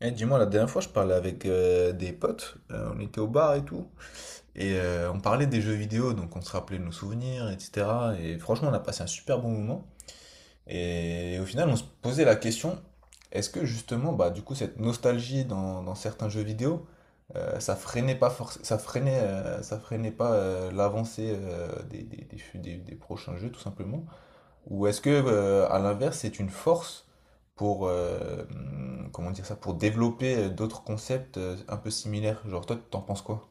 Eh, dis-moi, la dernière fois, je parlais avec des potes, on était au bar et tout, et on parlait des jeux vidéo, donc on se rappelait de nos souvenirs, etc. Et franchement, on a passé un super bon moment. Et au final, on se posait la question, est-ce que justement, bah, du coup, cette nostalgie dans certains jeux vidéo, ça freinait pas l'avancée des prochains jeux, tout simplement? Ou est-ce que, à l'inverse, c'est une force pour, comment dire ça, pour développer d'autres concepts un peu similaires? Genre, toi, t'en penses quoi?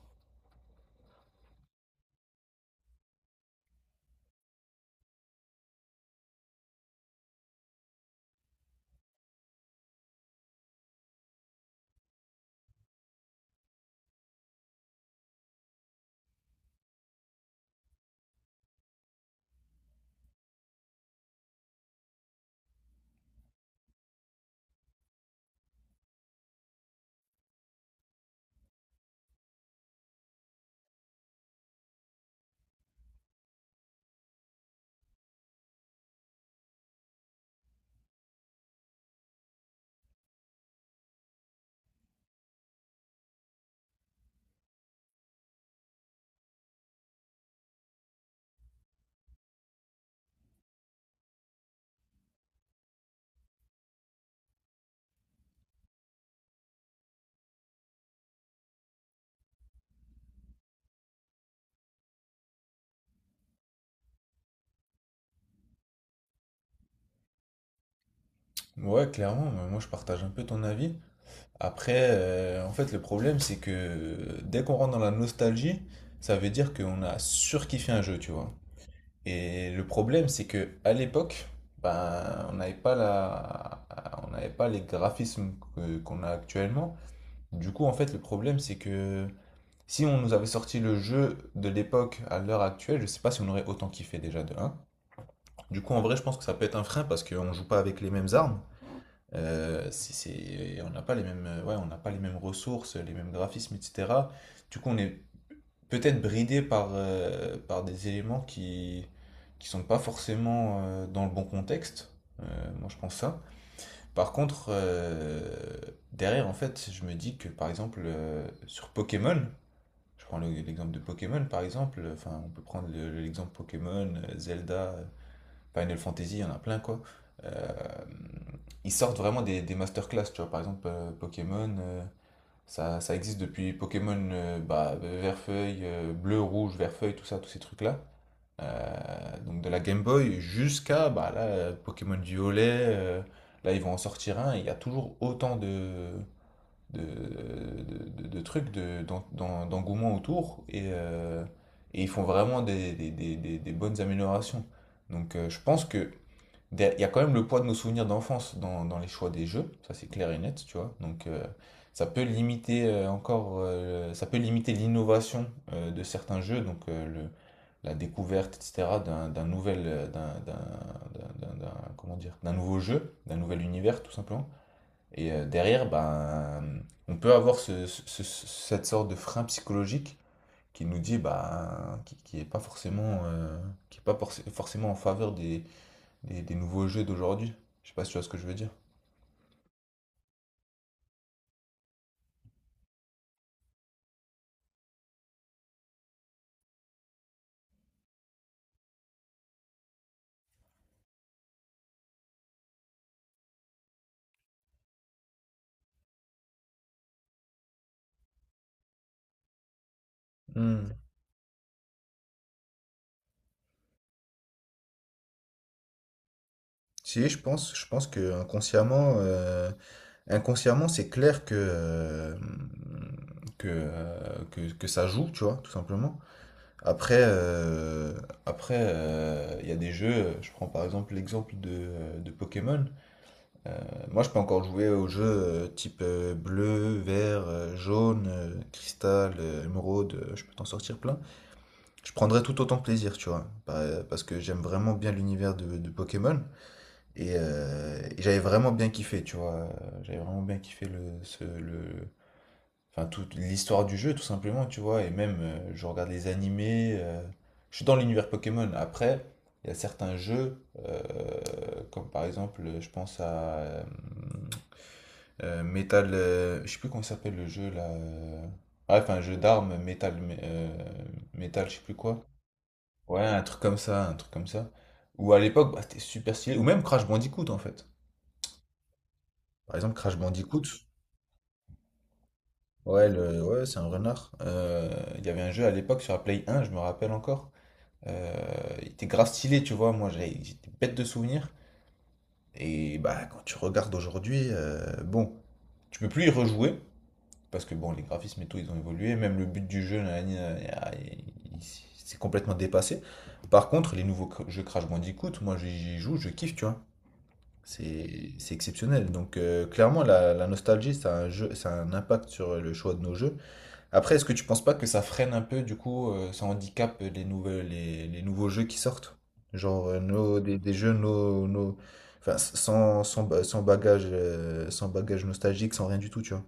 Ouais, clairement, mais moi je partage un peu ton avis. Après, en fait, le problème, c'est que dès qu'on rentre dans la nostalgie, ça veut dire qu'on a surkiffé un jeu, tu vois. Et le problème, c'est que à l'époque, ben, on n'avait pas les graphismes qu'on a actuellement. Du coup, en fait, le problème, c'est que si on nous avait sorti le jeu de l'époque à l'heure actuelle, je sais pas si on aurait autant kiffé déjà de un. Du coup, en vrai, je pense que ça peut être un frein parce qu'on joue pas avec les mêmes armes. On n'a pas les mêmes, ouais, on n'a pas les mêmes ressources, les mêmes graphismes, etc. Du coup, on est peut-être bridé par des éléments qui sont pas forcément dans le bon contexte. Moi, je pense ça. Par contre, derrière, en fait, je me dis que par exemple sur Pokémon, je prends l'exemple de Pokémon par exemple, enfin on peut prendre l'exemple Pokémon, Zelda, Final Fantasy, il y en a plein quoi. Euh, Ils sortent vraiment des masterclass, tu vois, par exemple Pokémon, ça existe depuis Pokémon bah, vert-feuille, bleu, rouge, vert-feuille, tout ça, tous ces trucs-là. Donc de la Game Boy jusqu'à bah, là, Pokémon Violet, là ils vont en sortir un, et il y a toujours autant de trucs d'engouement autour et ils font vraiment des bonnes améliorations. Donc je pense que il y a quand même le poids de nos souvenirs d'enfance dans les choix des jeux, ça c'est clair et net, tu vois. Donc ça peut limiter encore, ça peut limiter l'innovation de certains jeux, donc la découverte, etc., comment dire, d'un nouveau jeu, d'un nouvel univers, tout simplement. Et derrière, ben, on peut avoir cette sorte de frein psychologique qui nous dit, ben, qui est pas forcément, qui est pas forc- forcément en faveur des nouveaux jeux d'aujourd'hui. Je sais pas si tu vois ce que je veux dire. Hmm. Si, je pense que inconsciemment, c'est clair que, que ça joue, tu vois, tout simplement. Après, euh, Après, il y a des jeux, je prends par exemple l'exemple de Pokémon. Euh, Moi, je peux encore jouer aux jeux type bleu, vert, jaune, cristal, émeraude, je peux t'en sortir plein. Je prendrais tout autant de plaisir, tu vois, parce que j'aime vraiment bien l'univers de Pokémon et j'avais vraiment bien kiffé, tu vois. J'avais vraiment bien kiffé enfin, toute l'histoire du jeu, tout simplement, tu vois. Et même, je regarde les animés, je suis dans l'univers Pokémon. Après, il y a certains jeux, euh, comme par exemple, je pense à Metal, je sais plus comment s'appelle le jeu là. Bref, un jeu d'armes, euh, Metal, je sais plus quoi. Ouais, un truc comme ça, un truc comme ça. Ou à l'époque, bah, c'était super stylé. Ou même Crash Bandicoot en fait. Par exemple, Crash Bandicoot. Ouais, ouais, c'est un renard. Il y avait un jeu à l'époque sur la Play 1, je me rappelle encore. Euh, il était grave stylé, tu vois. Moi, j'étais bête de souvenirs. Et bah, quand tu regardes aujourd'hui, bon, tu peux plus y rejouer. Parce que bon, les graphismes et tout, ils ont évolué. Même le but du jeu, là, c'est complètement dépassé. Par contre, les nouveaux jeux Crash Bandicoot, moi j'y joue, je kiffe, tu vois. C'est exceptionnel. Donc clairement, la nostalgie, ça a un impact sur le choix de nos jeux. Après, est-ce que tu penses pas que ça freine un peu, du coup, ça handicape les nouveaux jeux qui sortent? Genre nos, des jeux nos, nos- enfin, sans bagage nostalgique, sans rien du tout, tu vois.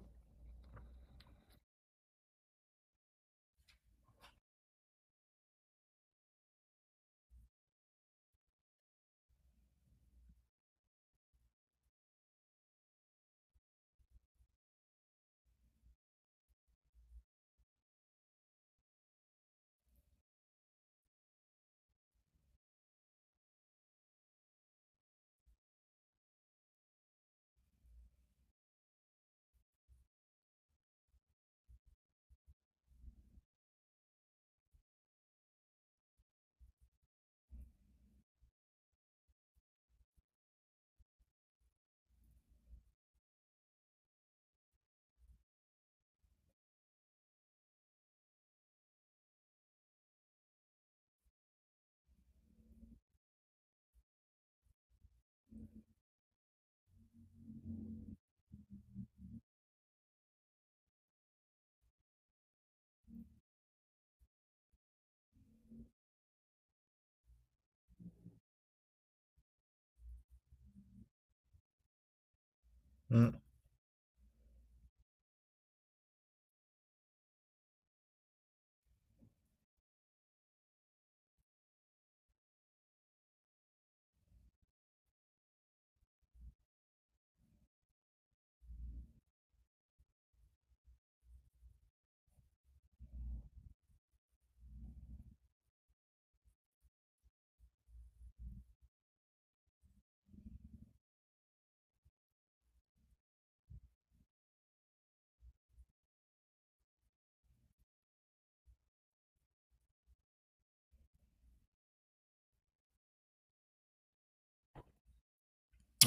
Hmm.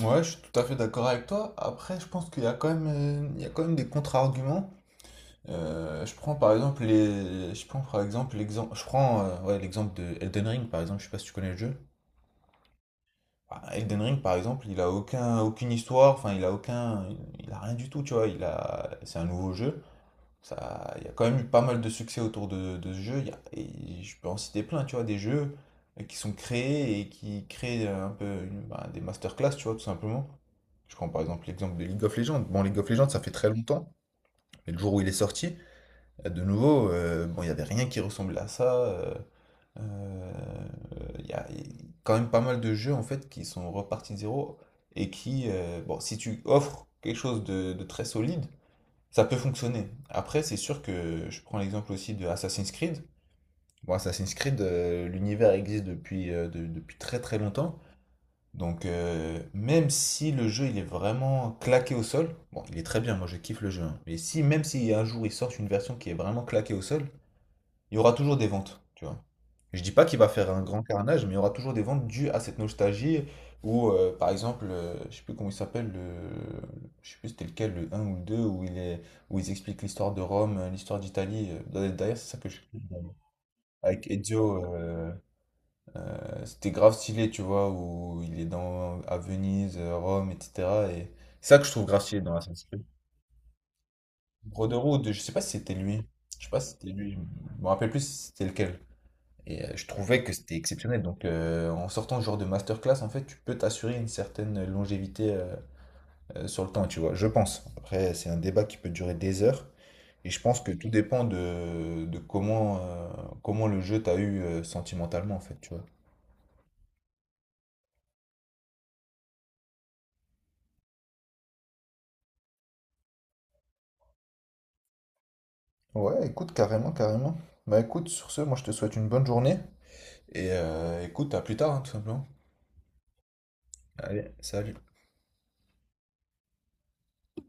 Ouais, je suis tout à fait d'accord avec toi. Après, je pense qu'il y a quand même, il y a quand même des contre-arguments. Je prends ouais, l'exemple de Elden Ring par exemple. Je sais pas si tu connais le jeu. Bah, Elden Ring par exemple, il a aucun, aucune histoire. Enfin, il a rien du tout. Tu vois, c'est un nouveau jeu. Ça, il y a quand même eu pas mal de succès autour de ce jeu. Et je peux en citer plein, tu vois, des jeux qui sont créés et qui créent un peu bah, des masterclass, tu vois, tout simplement. Je prends par exemple l'exemple de League of Legends. Bon, League of Legends, ça fait très longtemps, mais le jour où il est sorti, de nouveau, bon, il n'y avait rien qui ressemblait à ça. Euh, Il y a quand même pas mal de jeux en fait qui sont repartis de zéro bon, si tu offres quelque chose de très solide, ça peut fonctionner. Après, c'est sûr que je prends l'exemple aussi de Assassin's Creed. Bon, Assassin's Creed, l'univers existe depuis très très longtemps. Donc, même si le jeu il est vraiment claqué au sol, bon, il est très bien, moi je kiffe le jeu. Hein. Mais si, même si un jour ils sortent une version qui est vraiment claquée au sol, il y aura toujours des ventes, tu vois. Je dis pas qu'il va faire un grand carnage, mais il y aura toujours des ventes dues à cette nostalgie. Ou par exemple, je sais plus comment il s'appelle, je sais plus c'était lequel, le un ou le 2 où ils expliquent l'histoire de Rome, l'histoire d'Italie. D'ailleurs, c'est ça que je avec Ezio, c'était grave stylé, tu vois, où il est dans à Venise, Rome, etc. Et c'est ça que je trouve grave stylé dans la série. Brotherhood, je sais pas si c'était lui. Je sais pas si c'était lui. Je me rappelle plus si c'était lequel. Et je trouvais que c'était exceptionnel. Donc, en sortant ce genre de masterclass, en fait, tu peux t'assurer une certaine longévité sur le temps, tu vois. Je pense. Après, c'est un débat qui peut durer des heures. Et je pense que tout dépend de comment le jeu t'a eu sentimentalement, en fait, tu vois. Ouais, écoute, carrément, carrément. Bah écoute, sur ce, moi je te souhaite une bonne journée. Et écoute, à plus tard, hein, tout simplement. Allez, salut.